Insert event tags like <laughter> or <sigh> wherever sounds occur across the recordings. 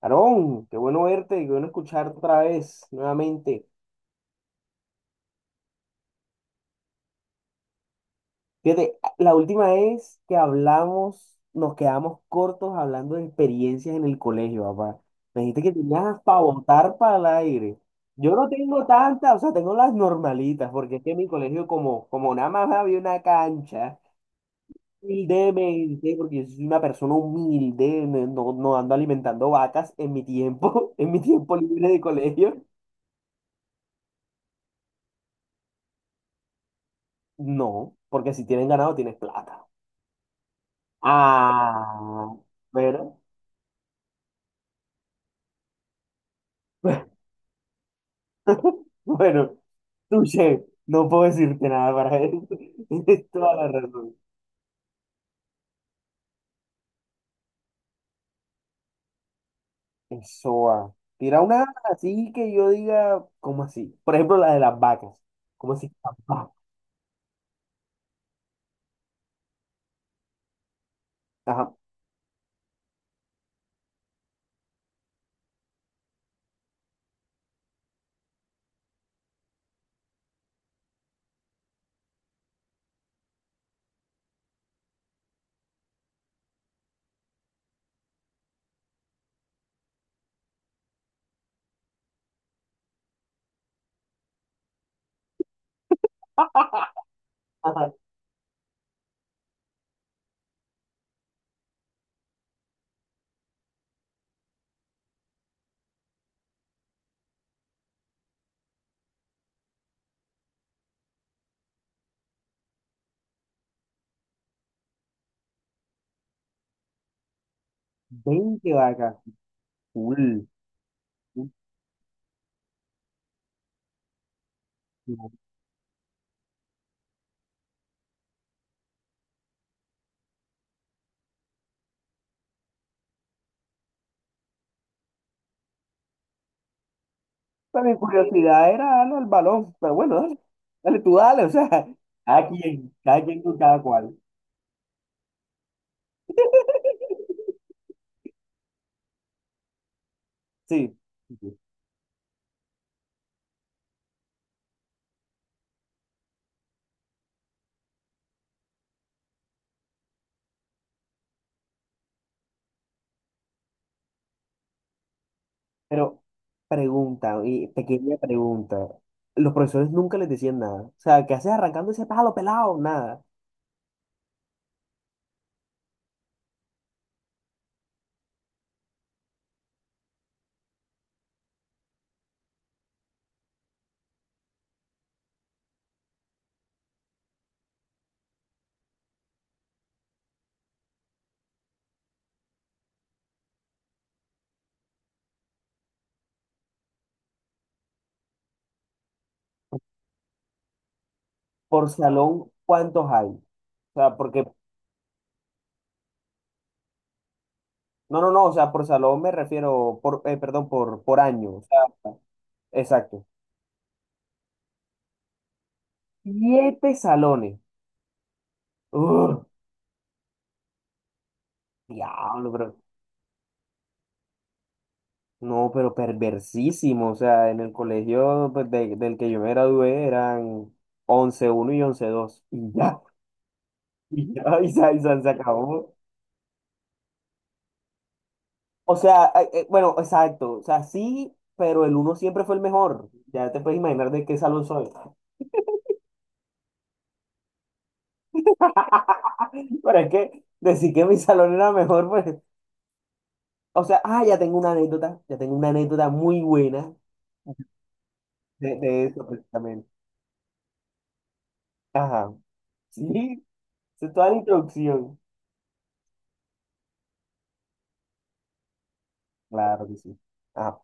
Aarón, qué bueno verte, qué bueno escucharte otra vez, nuevamente. Fíjate, la última vez que hablamos, nos quedamos cortos hablando de experiencias en el colegio, papá. Me dijiste que tenías para botar para el aire. Yo no tengo tantas, o sea, tengo las normalitas, porque es que en mi colegio, como nada más había una cancha, humildemente, porque yo soy una persona humilde, no, no ando alimentando vacas en mi tiempo, <laughs> en mi tiempo libre de colegio. No, porque si tienen ganado, tienes plata. Ah, pero, <laughs> bueno, touché, no puedo decirte nada para eso. <laughs> Tienes toda la razón. Eso va. Tira una así que yo diga, ¿cómo así? Por ejemplo, la de las vacas. ¿Cómo así? <laughs> Ajá. Ajá. Ajá. 20 vacas. Cool. Pero mi curiosidad era darle al balón. Pero bueno, dale, dale, tú dale. O sea, cada quien con cada cual. Sí. Pero pregunta, y pequeña pregunta. Los profesores nunca les decían nada. O sea, ¿qué haces arrancando ese pájaro pelado? Nada. Por salón, ¿cuántos hay? O sea, porque, no, no, no, o sea, por salón me refiero, por, perdón, por año. O sea, exacto. Siete salones. ¡Ugh! Diablo, pero, no, pero perversísimo. O sea, en el colegio pues, del que yo me gradué eran once uno y once dos. Y ya, <laughs> y ya, y se, y se acabó. O sea, bueno, exacto. O sea, sí, pero el uno siempre fue el mejor. Ya te puedes imaginar de qué salón soy. <laughs> Pero es que decir que mi salón era mejor, pues. O sea, ah, ya tengo una anécdota. Ya tengo una anécdota muy buena de eso, precisamente. Ajá. Sí, es toda la introducción. Claro que sí. Ajá.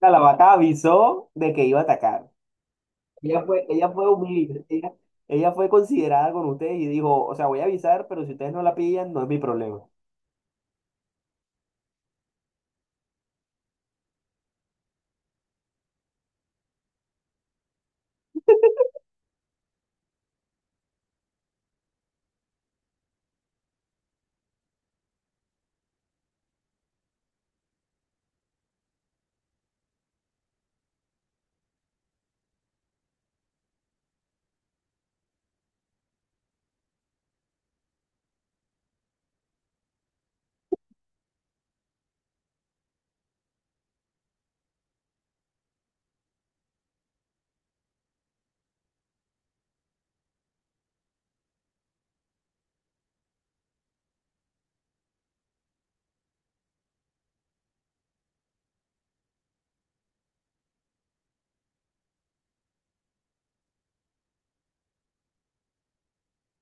La lavata avisó de que iba a atacar. Ella fue humilde. Ella fue considerada con ustedes y dijo, o sea, voy a avisar, pero si ustedes no la pillan, no es mi problema.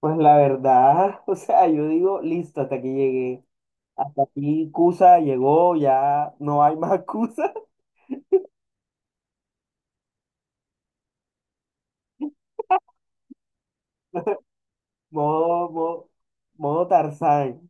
Pues la verdad, <laughs> o sea, yo digo, listo, hasta aquí llegué. Hasta aquí Cusa llegó, ya no hay más Cusa. <laughs> Modo, modo, Modo Tarzán.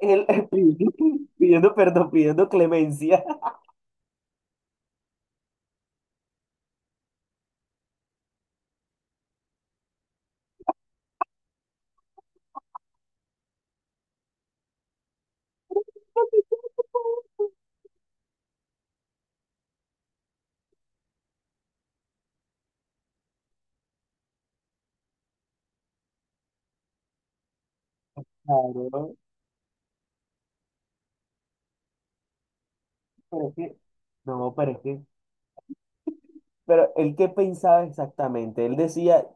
Él <laughs> pidiendo, pidiendo perdón, pidiendo clemencia. <laughs> Claro, pero es que, no, pero es que, pero él qué pensaba exactamente, él decía,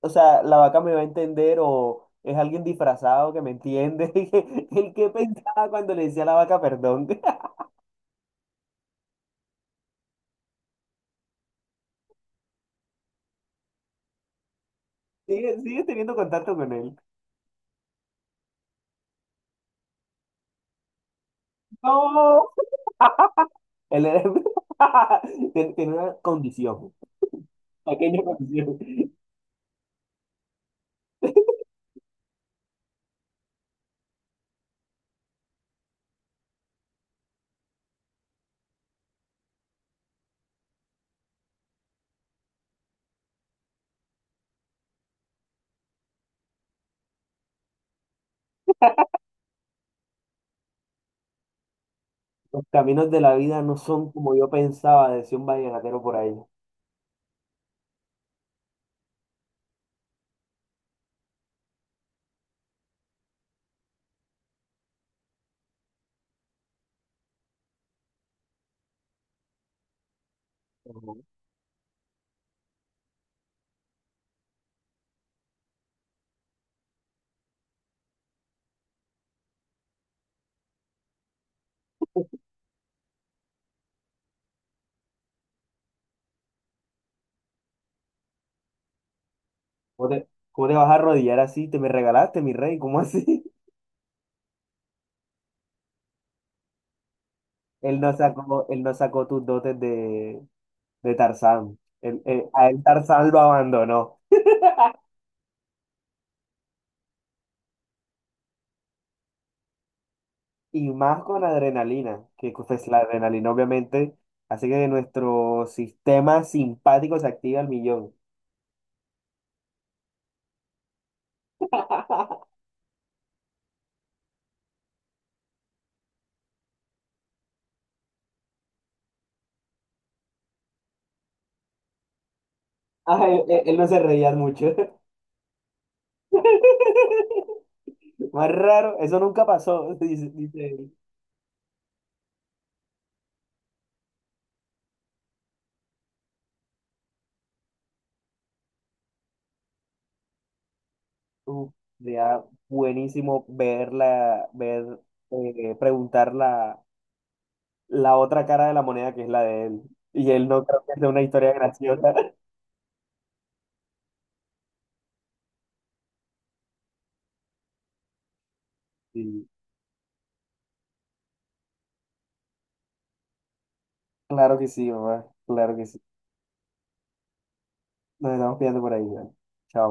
o sea, la vaca me va a entender o es alguien disfrazado que me entiende, <laughs> él qué pensaba cuando le decía a la vaca perdón. <laughs> Sigue, sigue teniendo contacto con él. No. Él era- <laughs> Tiene una condición, pequeña condición. Los caminos de la vida no son como yo pensaba, decía un vallenatero por ahí. Ujú. Cómo te vas a arrodillar así? Te me regalaste, mi rey, ¿cómo así? <laughs> Él no sacó tus dotes de Tarzán. A él Tarzán lo abandonó. Y más con adrenalina, que pues, la adrenalina obviamente hace que nuestro sistema simpático se active al millón. <laughs> Ay, él no se reía mucho. <laughs> Más raro, eso nunca pasó, <laughs> dice, dice él. Uf, sería buenísimo ver la, ver, preguntar la, la otra cara de la moneda que es la de él. Y él no creo que sea una historia graciosa. <laughs> Sí, claro que sí, mamá, claro que sí. Nos estamos pillando por ahí, ¿vale? Chao.